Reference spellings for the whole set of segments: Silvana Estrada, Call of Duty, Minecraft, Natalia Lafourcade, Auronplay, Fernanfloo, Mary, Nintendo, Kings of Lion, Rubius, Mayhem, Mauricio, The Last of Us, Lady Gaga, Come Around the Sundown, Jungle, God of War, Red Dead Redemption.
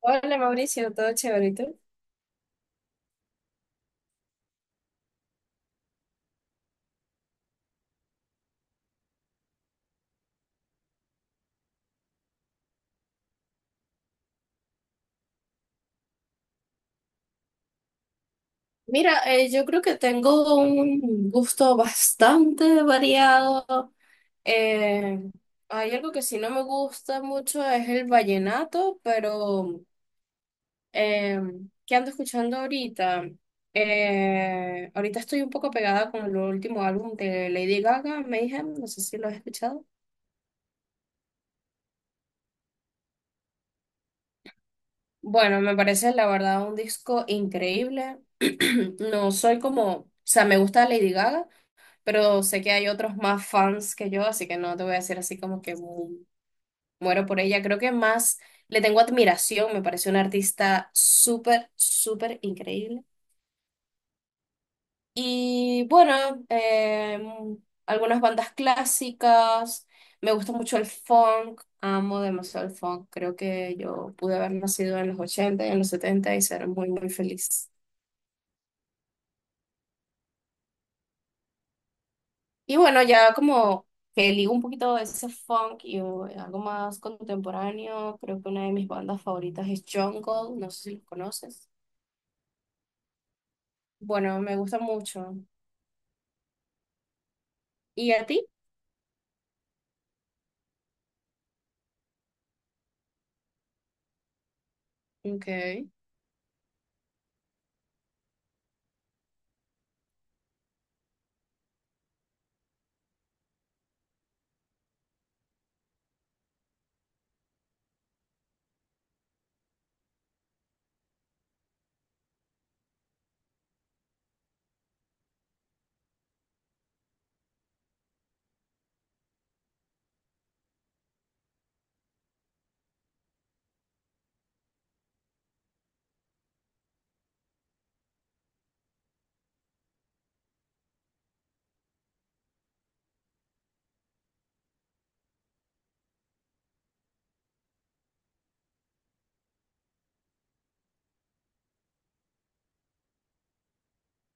Hola Mauricio, todo chévere. ¿Y tú? Mira, yo creo que tengo un gusto bastante variado. Eh, Hay algo que sí no me gusta mucho, es el vallenato, pero eh, ¿qué ando escuchando ahorita? Ahorita estoy un poco pegada con el último álbum de Lady Gaga, Mayhem, no sé si lo has escuchado. Bueno, me parece la verdad un disco increíble. No soy como, o sea, me gusta Lady Gaga. Pero sé que hay otros más fans que yo, así que no te voy a decir así como que muero por ella. Creo que más le tengo admiración, me parece una artista súper, súper increíble. Y bueno, eh, algunas bandas clásicas, me gusta mucho el funk, amo demasiado el funk, creo que yo pude haber nacido en los 80 y en los 70 y ser muy, muy feliz. Y bueno, ya como que ligo un poquito de ese funk y algo más contemporáneo, creo que una de mis bandas favoritas es Jungle, no sé si los conoces. Bueno, me gusta mucho. ¿Y a ti? Okay.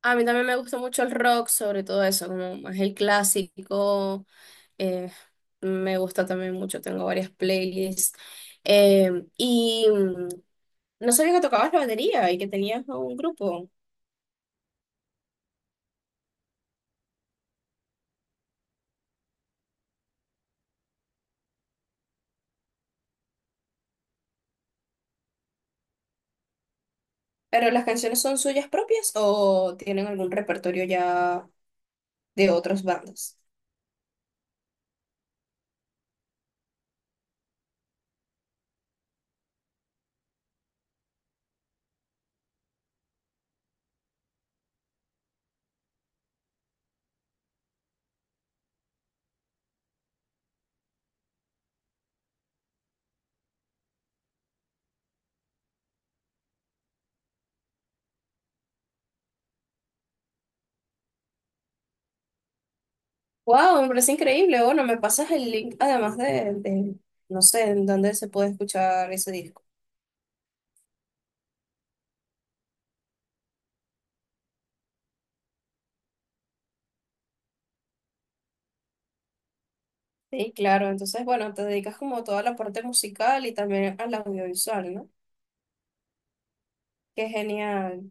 A mí también me gusta mucho el rock, sobre todo eso, como más el clásico. eh, Me gusta también mucho, tengo varias playlists. Eh, y mm, no sabía que tocabas la batería y que tenías un grupo. ¿Pero las canciones son suyas propias o tienen algún repertorio ya de otras bandas? ¡Wow! Me parece increíble. Bueno, me pasas el link además no sé, en dónde se puede escuchar ese disco. Sí, claro. Entonces, bueno, te dedicas como a toda la parte musical y también al audiovisual, ¿no? Qué genial.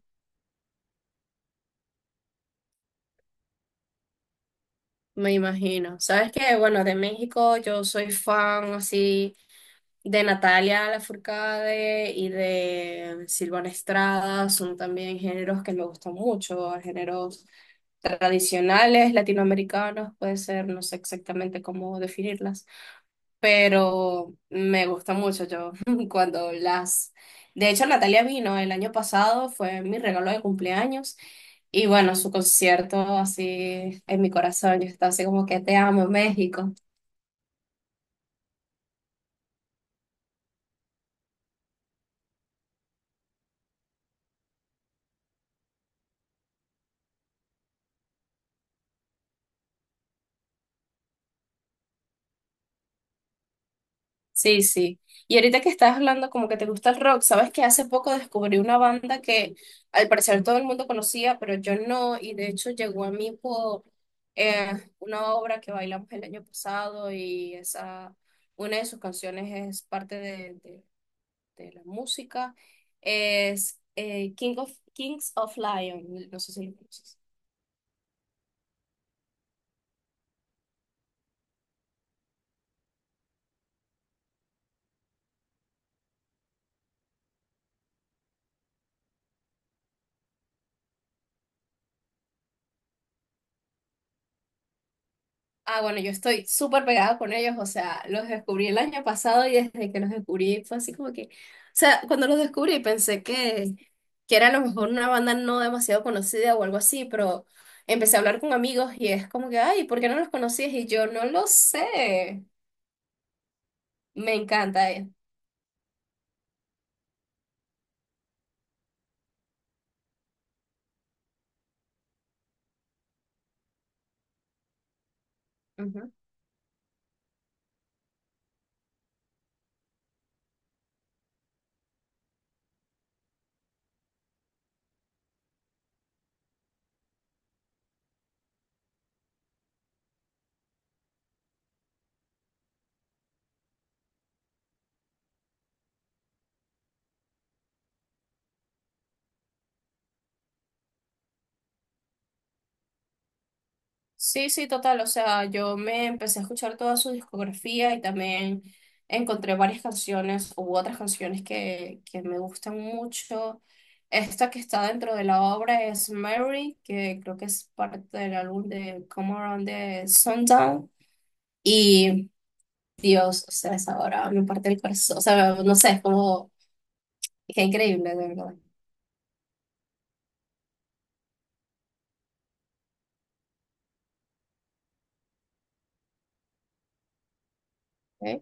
Me imagino. ¿Sabes que bueno, de México yo soy fan así de Natalia Lafourcade y de Silvana Estrada? Son también géneros que me gustan mucho, géneros tradicionales latinoamericanos, puede ser, no sé exactamente cómo definirlas, pero me gusta mucho yo cuando las... De hecho, Natalia vino el año pasado, fue mi regalo de cumpleaños. Y bueno, su concierto así en mi corazón, yo estaba así como que te amo, México. Sí, sí. Y ahorita que estás hablando como que te gusta el rock, sabes que hace poco descubrí una banda que al parecer todo el mundo conocía, pero yo no, y de hecho llegó a mí por eh, una obra que bailamos el año pasado y una de sus canciones es parte de la música, es Kings of Lion, no sé si lo conoces. Ah, bueno, yo estoy súper pegada con ellos, o sea, los descubrí el año pasado y desde que los descubrí fue así como que, o sea, cuando los descubrí pensé que era a lo mejor una banda no demasiado conocida o algo así, pero empecé a hablar con amigos y es como que, ay, ¿por qué no los conocías? Y yo no lo sé, me encanta. Sí, sí, total. O sea, yo me empecé a escuchar toda su discografía y también encontré varias canciones u otras canciones que me gustan mucho. Esta que está dentro de la obra es Mary, que creo que es parte del álbum de Come Around the Sundown. Y Dios, o sea, esa obra me parte el corazón. O sea, no sé, es como, es increíble, de verdad. ¿Eh?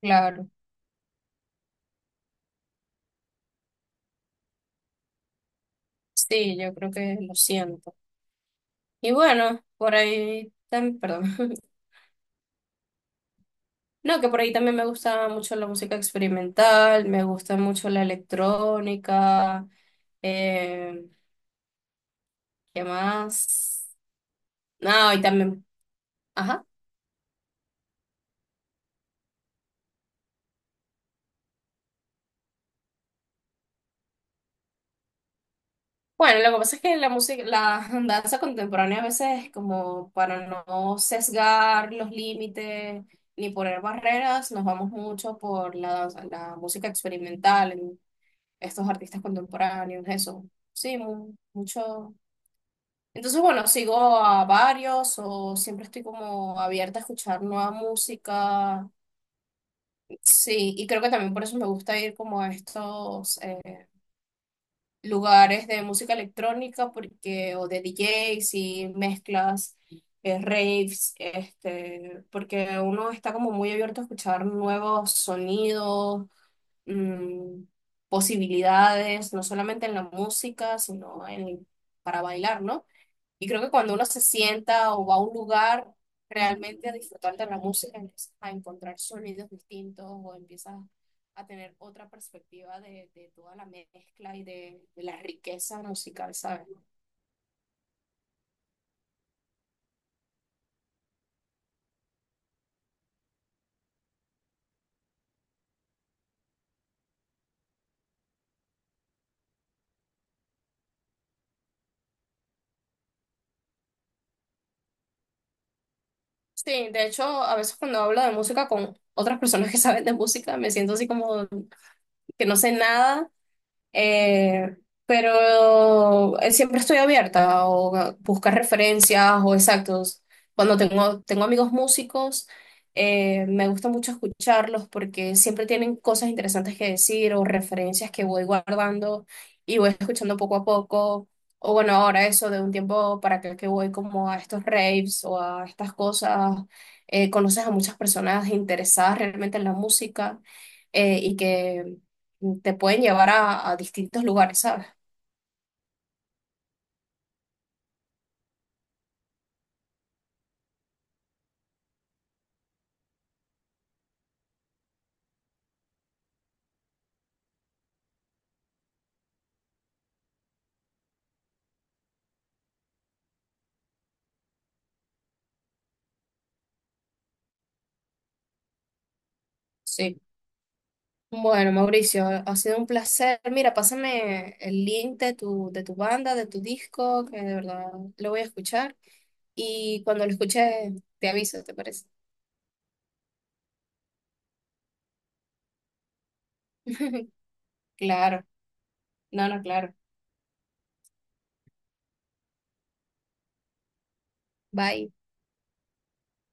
Claro, sí, yo creo que lo siento. Y bueno, por ahí, también perdón. No, que por ahí también me gusta mucho la música experimental, me gusta mucho la electrónica, eh, ¿qué más? No, y también, ajá. Bueno, lo que pasa es que la música, la danza contemporánea a veces como para no sesgar los límites ni poner barreras, nos vamos mucho por la música experimental, en estos artistas contemporáneos, eso. Sí, mucho. Entonces, bueno, sigo a varios o siempre estoy como abierta a escuchar nueva música. Sí, y creo que también por eso me gusta ir como a estos lugares de música electrónica porque, o de DJs y mezclas, raves, este, porque uno está como muy abierto a escuchar nuevos sonidos, mm, posibilidades, no solamente en la música, para bailar, ¿no? Y creo que cuando uno se sienta o va a un lugar realmente a disfrutar de la música, empiezas a encontrar sonidos distintos o empiezas a tener otra perspectiva de toda la mezcla y de la riqueza musical, ¿sabes? Sí, de hecho, a veces cuando hablo de música con otras personas que saben de música, me siento así como que no sé nada. Eh, pero siempre estoy abierta o a buscar referencias o exactos. Cuando tengo amigos músicos, me gusta mucho escucharlos porque siempre tienen cosas interesantes que decir o referencias que voy guardando y voy escuchando poco a poco. O bueno, ahora eso de un tiempo para acá que voy como a estos raves o a estas cosas, conoces a muchas personas interesadas realmente en la música y que te pueden llevar a distintos lugares, ¿sabes? Sí. Bueno, Mauricio, ha sido un placer. Mira, pásame el link de tu banda, de tu disco, que de verdad lo voy a escuchar. Y cuando lo escuche, te aviso, ¿te parece? Claro, no, no, claro. Bye.